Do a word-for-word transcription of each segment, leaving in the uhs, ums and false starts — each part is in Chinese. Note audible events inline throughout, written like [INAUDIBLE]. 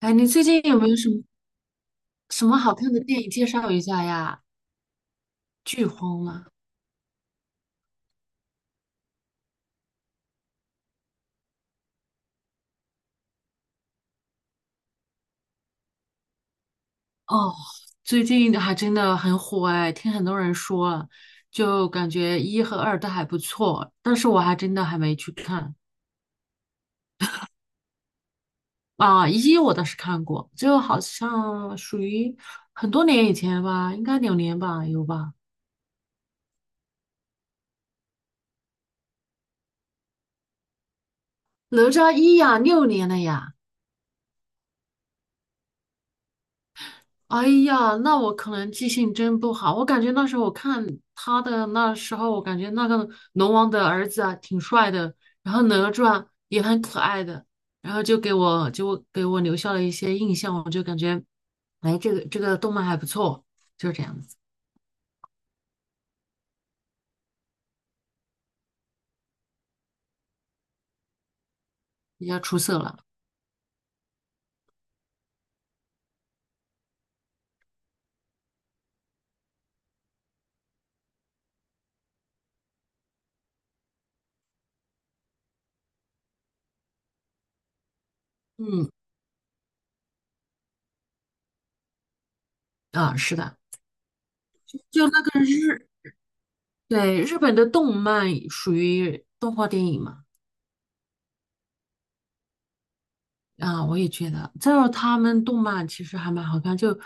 哎，你最近有没有什么什么好看的电影介绍一下呀？剧荒了。哦，最近还真的很火哎，听很多人说了，就感觉一和二都还不错，但是我还真的还没去看。啊，一我倒是看过，就好像属于很多年以前吧，应该两年吧，有吧？哪吒一呀，六年了呀。哎呀，那我可能记性真不好。我感觉那时候我看他的那时候，我感觉那个龙王的儿子啊挺帅的，然后哪吒也很可爱的，然后就给我就给我留下了一些印象，我就感觉，哎，这个这个动漫还不错，就是这样子，比较出色了。嗯。啊，是的。就那个日，对，日本的动漫属于动画电影嘛。啊，我也觉得。再有，他们动漫其实还蛮好看，就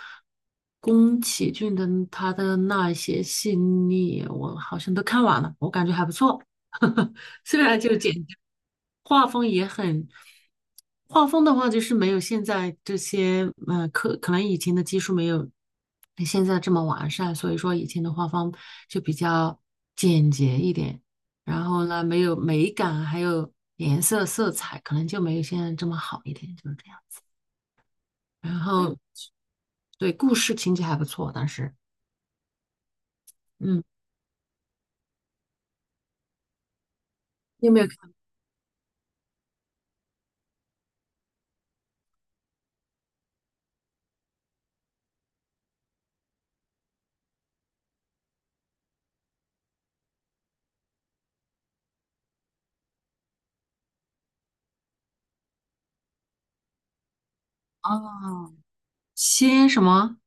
宫崎骏的他的那些系列，我好像都看完了，我感觉还不错。[LAUGHS] 虽然就简单，画风也很，画风的话就是没有现在这些，呃，可可能以前的技术没有现在这么完善，所以说以前的画风就比较简洁一点。然后呢，没有美感，还有颜色、色彩，可能就没有现在这么好一点，就是这样。然嗯后，对，故事情节还不错，当时。嗯，你有没有看？哦，仙什么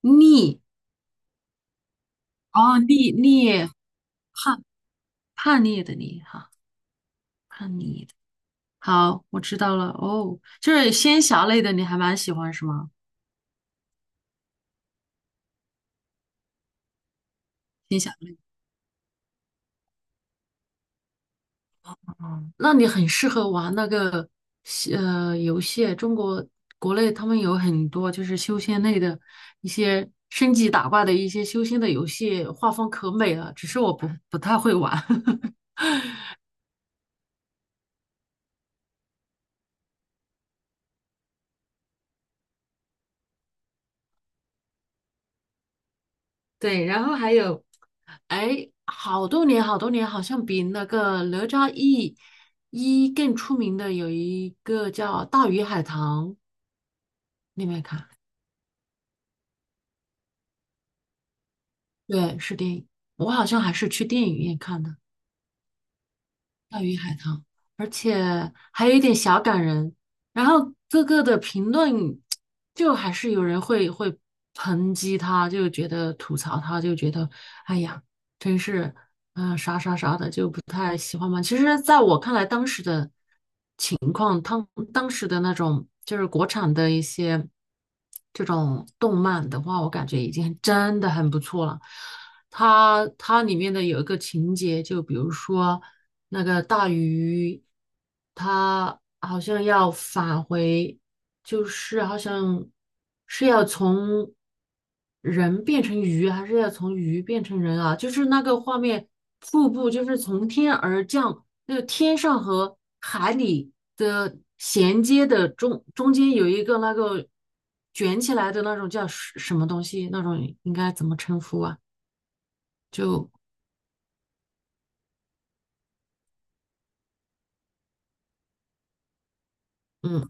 逆？哦，逆逆叛叛逆的逆哈。好，我知道了。哦，就是仙侠类的，你还蛮喜欢是吗？仙侠。哦，那你很适合玩那个西呃游戏，中国国内他们有很多就是修仙类的一些升级打怪的一些修仙的游戏，画风可美了，只是我不不太会玩。[LAUGHS] 对，然后还有，哎，好多年好多年，好像比那个哪吒一一更出名的有一个叫《大鱼海棠》，你有没有看？对，是电影，我好像还是去电影院看的。大鱼海棠，而且还有一点小感人。然后各个的评论，就还是有人会会抨击他，就觉得吐槽他，就觉得哎呀，真是嗯、呃啥啥啥的，就不太喜欢嘛。其实，在我看来，当时的当时的那种就是国产的一些这种动漫的话，我感觉已经真的很不错了。它它里面的有一个情节，就比如说那个大鱼，它好像要返回，就是好像是要从人变成鱼，还是要从鱼变成人啊？就是那个画面，瀑布就是从天而降，那个天上和海里的衔接的中中间有一个那个卷起来的那种叫什什么东西，那种应该怎么称呼啊？就。嗯，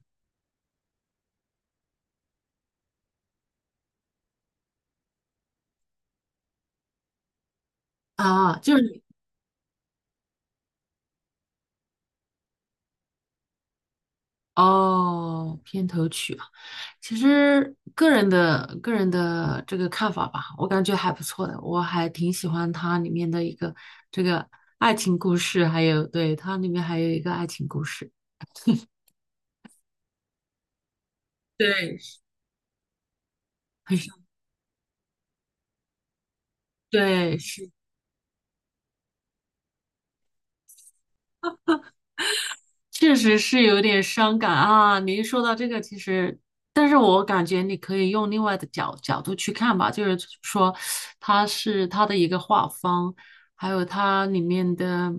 啊，就是你哦，片头曲啊。其实个人的个人的这个看法吧，我感觉还不错的，我还挺喜欢它里面的一个这个爱情故事，还有对它里面还有一个爱情故事，对，很深。对，确实是有点伤感啊！你一说到这个，其实，但是我感觉你可以用另外的角角度去看吧，就是说，它是它的一个画风，还有它里面的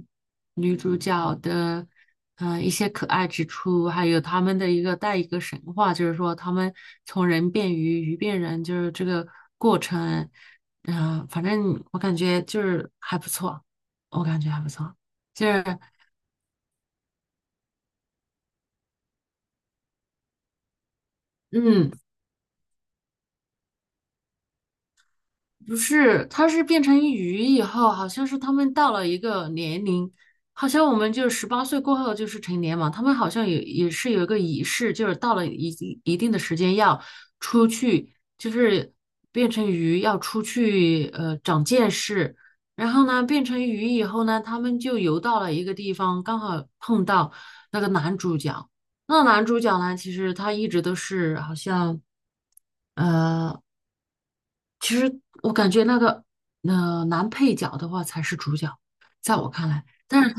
女主角的，呃，一些可爱之处，还有他们的一个带一个神话，就是说他们从人变鱼，鱼变人，就是这个过程。嗯、反正我感觉就是还不错，我感觉还不错，就是嗯。不是，它是变成鱼以后，好像是他们到了一个年龄，好像我们就十八岁过后就是成年嘛，他们好像也也是有一个仪式，就是到了一定一定的时间要出去，就是变成鱼要出去呃长见识，然后呢变成鱼以后呢，他们就游到了一个地方，刚好碰到那个男主角。那男主角呢，其实他一直都是好像。呃，其实我感觉那个呃男配角的话才是主角，在我看来。但是他，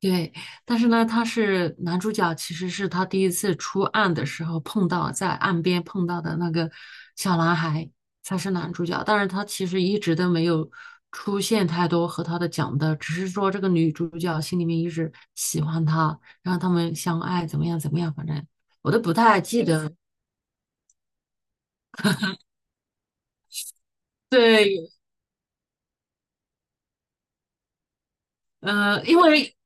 对，但是呢，他是男主角，其实是他第一次出岸的时候碰到在岸边碰到的那个小男孩才是男主角，但是他其实一直都没有出现太多和他的讲的，只是说这个女主角心里面一直喜欢他，然后他们相爱怎么样怎么样，反正我都不太记得。对，呃，因为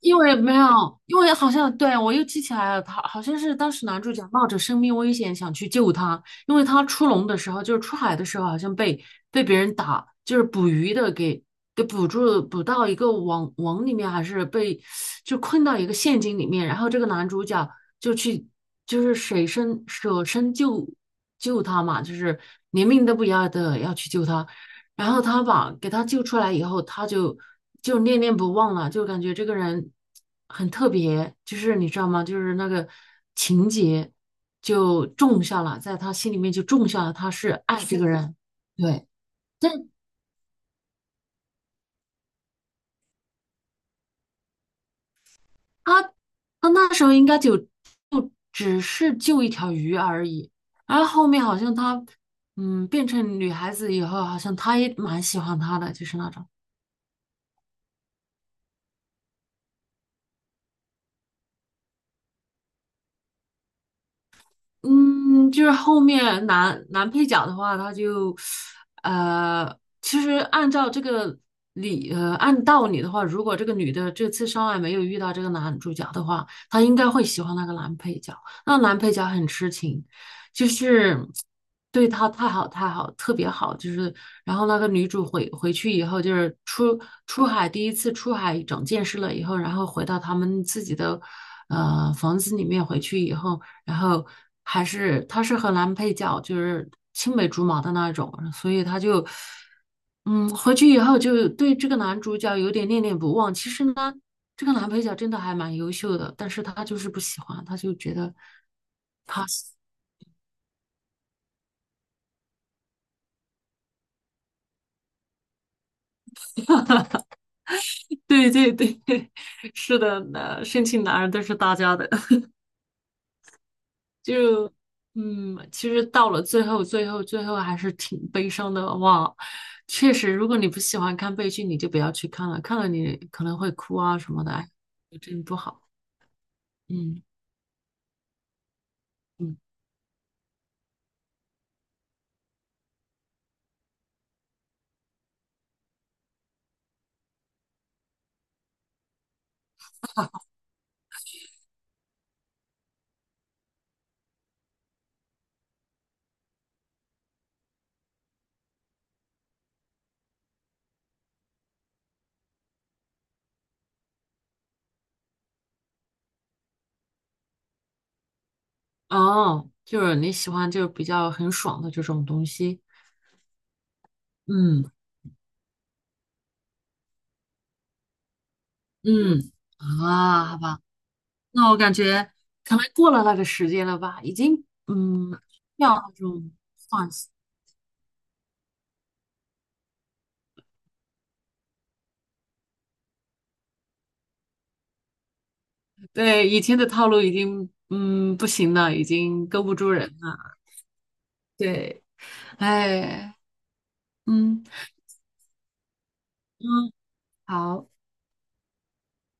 因为没有，因为好像对我又记起来了，他好像是当时男主角冒着生命危险想去救他，因为他出笼的时候，就是出海的时候，好像被被别人打，就是捕鱼的给给捕住，捕到一个网网里面，还是被就困到一个陷阱里面，然后这个男主角就去就是舍身舍身救救他嘛，就是连命都不要的要去救他。然后他把给他救出来以后，他就就念念不忘了，就感觉这个人很特别，就是你知道吗？就是那个情节就种下了，在他心里面就种下了，他是爱这是个的人。对，但他他那时候应该就就只是救一条鱼而已，然后后面好像他嗯变成女孩子以后，好像他也蛮喜欢他的，就是那种。嗯，就是后面男男配角的话，他就，呃，其实按照这个理，呃，按道理的话，如果这个女的这次上来没有遇到这个男主角的话，她应该会喜欢那个男配角。那男配角很痴情，就是对他太好太好，特别好。就是然后那个女主回回去以后，就是出出海第一次出海长见识了以后，然后回到他们自己的呃房子里面回去以后，然后还是她是和男配角，就是青梅竹马的那种，所以她就嗯回去以后就对这个男主角有点念念不忘。其实呢。这个男配角真的还蛮优秀的，但是他就是不喜欢，他就觉得。 [LAUGHS] 对对对，[LAUGHS] 是的，那申请男人都是大家的，[LAUGHS] 就嗯，其实到了最后，最后，最后还是挺悲伤的哇。确实，如果你不喜欢看悲剧，你就不要去看了，看了你可能会哭啊什么的，哎，真不好。嗯。嗯，哦，就是你喜欢就比较很爽的这种东西。嗯。嗯，啊，好吧，那我感觉可能过了那个时间了吧，已经嗯，要那种。对，以前的套路已经嗯不行了，已经勾不住人了。对，哎，嗯。嗯，好。